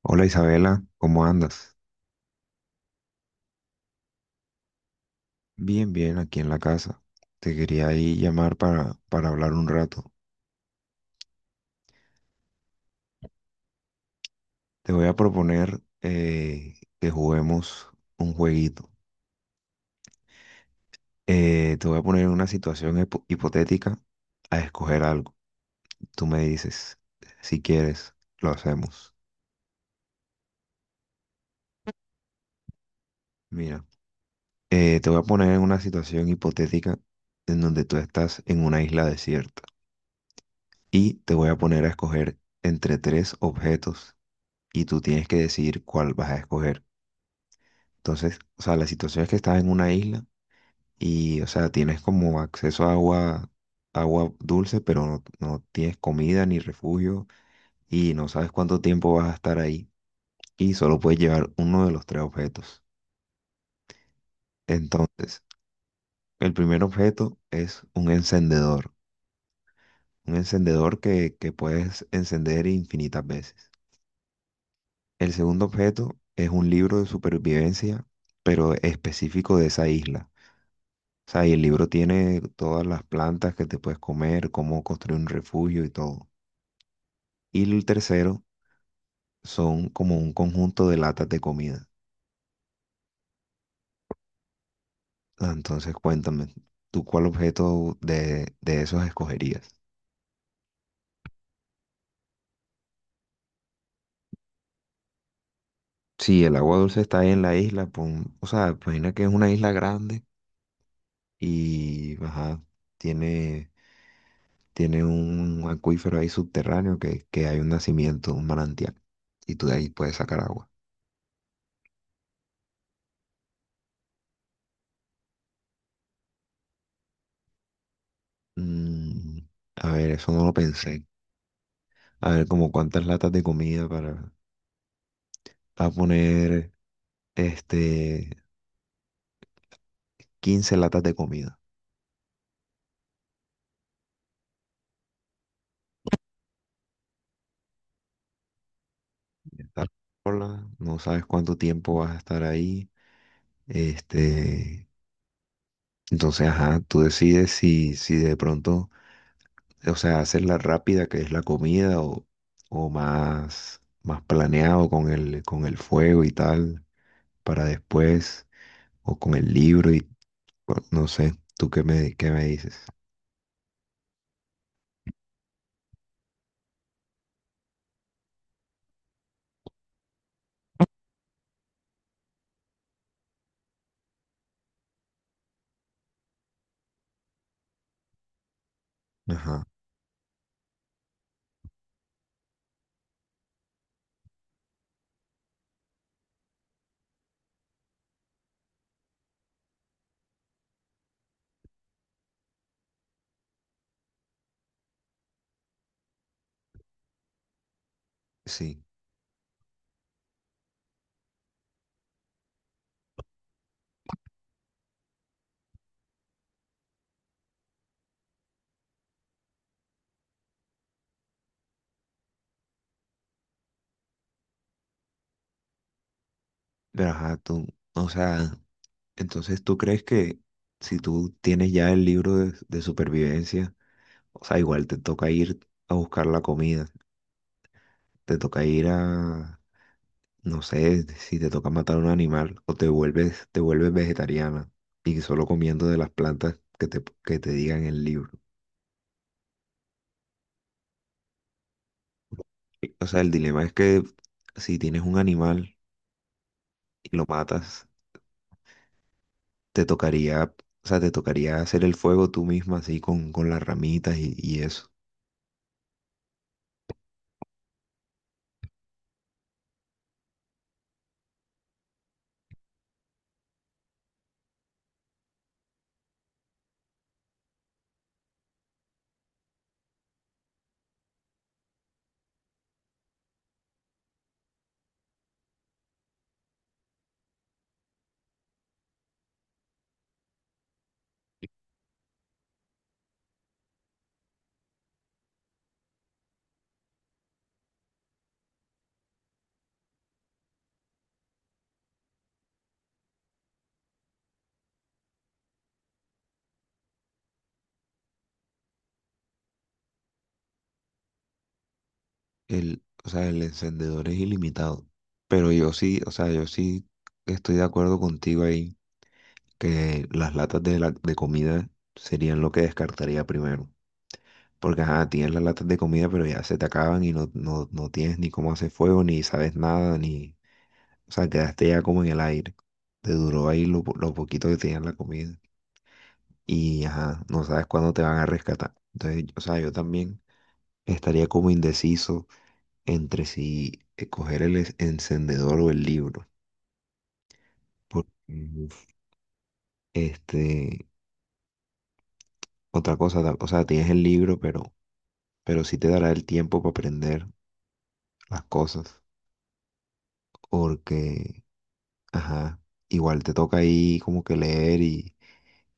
Hola, Isabela, ¿cómo andas? Bien, bien, aquí en la casa. Te quería ahí llamar para hablar un rato. Te voy a proponer que juguemos un jueguito. Te voy a poner en una situación hipotética a escoger algo. Tú me dices, si quieres, lo hacemos. Mira, te voy a poner en una situación hipotética en donde tú estás en una isla desierta y te voy a poner a escoger entre tres objetos y tú tienes que decidir cuál vas a escoger. Entonces, o sea, la situación es que estás en una isla y, o sea, tienes como acceso a agua, agua dulce, pero no tienes comida ni refugio y no sabes cuánto tiempo vas a estar ahí y solo puedes llevar uno de los tres objetos. Entonces, el primer objeto es un encendedor que puedes encender infinitas veces. El segundo objeto es un libro de supervivencia, pero específico de esa isla. O sea, y el libro tiene todas las plantas que te puedes comer, cómo construir un refugio y todo. Y el tercero son como un conjunto de latas de comida. Ah, entonces, cuéntame, ¿tú cuál objeto de esos escogerías? Sí, el agua dulce está ahí en la isla, o sea, imagina que es una isla grande y, ajá, tiene, tiene un acuífero ahí subterráneo que hay un nacimiento, un manantial, y tú de ahí puedes sacar agua. Mm, a ver, eso no lo pensé. A ver, como cuántas latas de comida para... A poner, este, 15 latas de comida. Estar sola, no sabes cuánto tiempo vas a estar ahí. Este, entonces, ajá, tú decides si de pronto, o sea, haces la rápida, que es la comida, o más, más planeado con el fuego y tal, para después, o con el libro y, bueno, no sé, ¿tú qué me dices? Ajá, sí. Pero ajá, tú, o sea... Entonces, ¿tú crees que si tú tienes ya el libro de supervivencia, o sea, igual te toca ir a buscar la comida, te toca ir a, no sé, si te toca matar un animal o te vuelves vegetariana y solo comiendo de las plantas que te digan el libro? O sea, el dilema es que si tienes un animal y lo matas, te tocaría, o sea, te tocaría hacer el fuego tú misma así con las ramitas y eso. El, o sea, el encendedor es ilimitado. Pero yo sí, o sea, yo sí estoy de acuerdo contigo ahí que las latas de, de comida serían lo que descartaría primero. Porque, ajá, tienes las latas de comida, pero ya se te acaban y no, no tienes ni cómo hacer fuego, ni sabes nada, ni... O sea, quedaste ya como en el aire. Te duró ahí lo, lo poquito que tenías la comida. Y, ajá, no sabes cuándo te van a rescatar. Entonces, o sea, yo también estaría como indeciso entre si coger el encendedor o el libro. Porque, uf, este, otra cosa, o sea, tienes el libro, pero sí te dará el tiempo para aprender las cosas. Porque, ajá, igual te toca ahí como que leer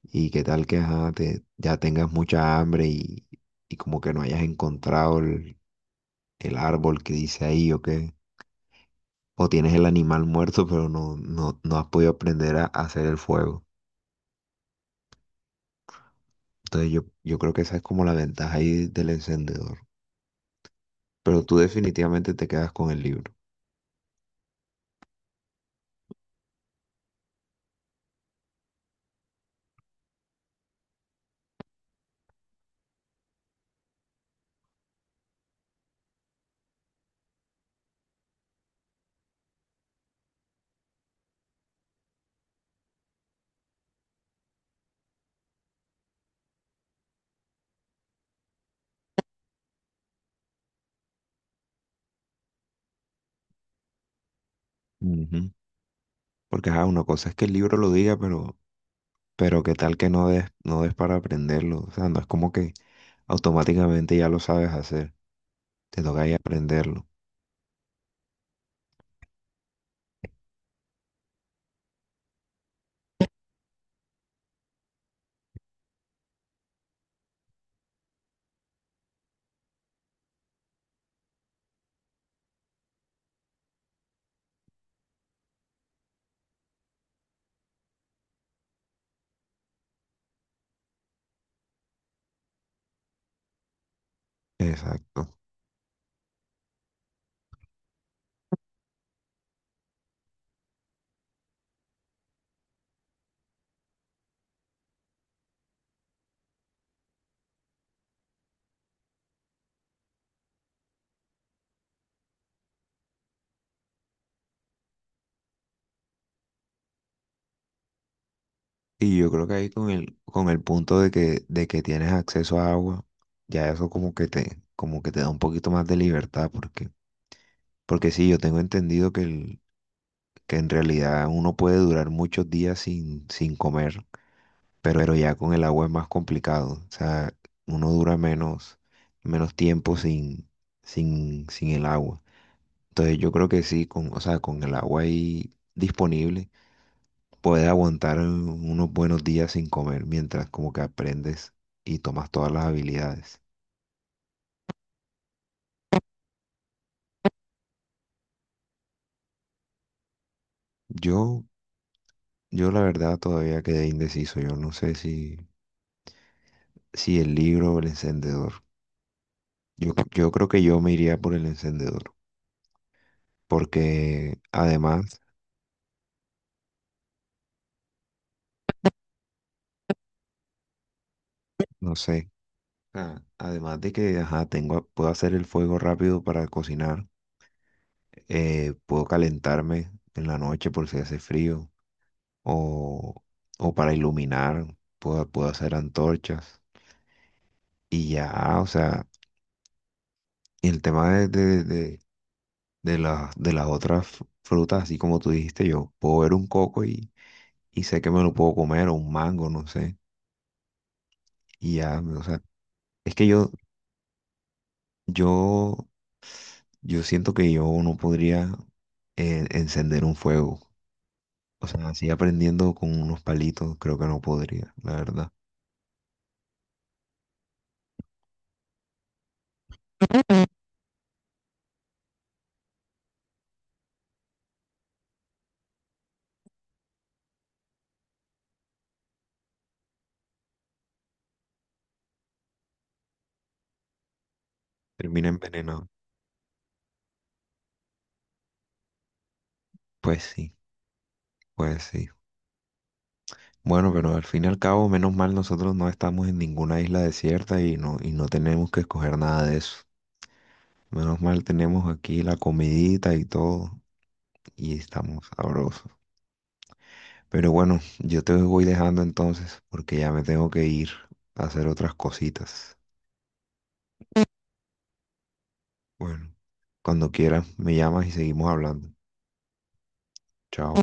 y qué tal que, ajá, te, ya tengas mucha hambre y como que no hayas encontrado el árbol que dice ahí o qué. O tienes el animal muerto, pero no, no has podido aprender a hacer el fuego. Entonces yo creo que esa es como la ventaja ahí del encendedor. Pero tú definitivamente te quedas con el libro. Ujú. Porque ajá, una cosa es que el libro lo diga, pero qué tal que no des, no des para aprenderlo. O sea, no es como que automáticamente ya lo sabes hacer. Te toca ahí aprenderlo. Exacto. Y yo creo que ahí con el punto de que tienes acceso a agua, ya eso como que te da un poquito más de libertad, porque, porque sí, yo tengo entendido que el, que en realidad uno puede durar muchos días sin, sin comer, pero ya con el agua es más complicado. O sea, uno dura menos, menos tiempo sin, sin, sin el agua. Entonces yo creo que sí, con, o sea, con el agua ahí disponible, puedes aguantar unos buenos días sin comer mientras como que aprendes y tomas todas las habilidades. Yo, yo la verdad todavía quedé indeciso. Yo no sé si, si el libro o el encendedor. Yo creo que yo me iría por el encendedor. Porque además, no sé, además de que ajá, tengo, puedo hacer el fuego rápido para cocinar, puedo calentarme en la noche por si hace frío, o, o para iluminar, puedo, puedo hacer antorchas, y ya, o sea, y el tema de las otras frutas, así como tú dijiste, yo puedo ver un coco y sé que me lo puedo comer, o un mango, no sé, y ya, o sea, es que yo, yo yo siento que yo no podría encender un fuego. O sea, así aprendiendo con unos palitos, creo que no podría, la verdad. Termina envenenado. Pues sí, pues sí. Bueno, pero al fin y al cabo, menos mal nosotros no estamos en ninguna isla desierta y no tenemos que escoger nada de eso. Menos mal tenemos aquí la comidita y todo y estamos sabrosos. Pero bueno, yo te voy dejando entonces porque ya me tengo que ir a hacer otras cositas. Bueno, cuando quieras, me llamas y seguimos hablando. Chao.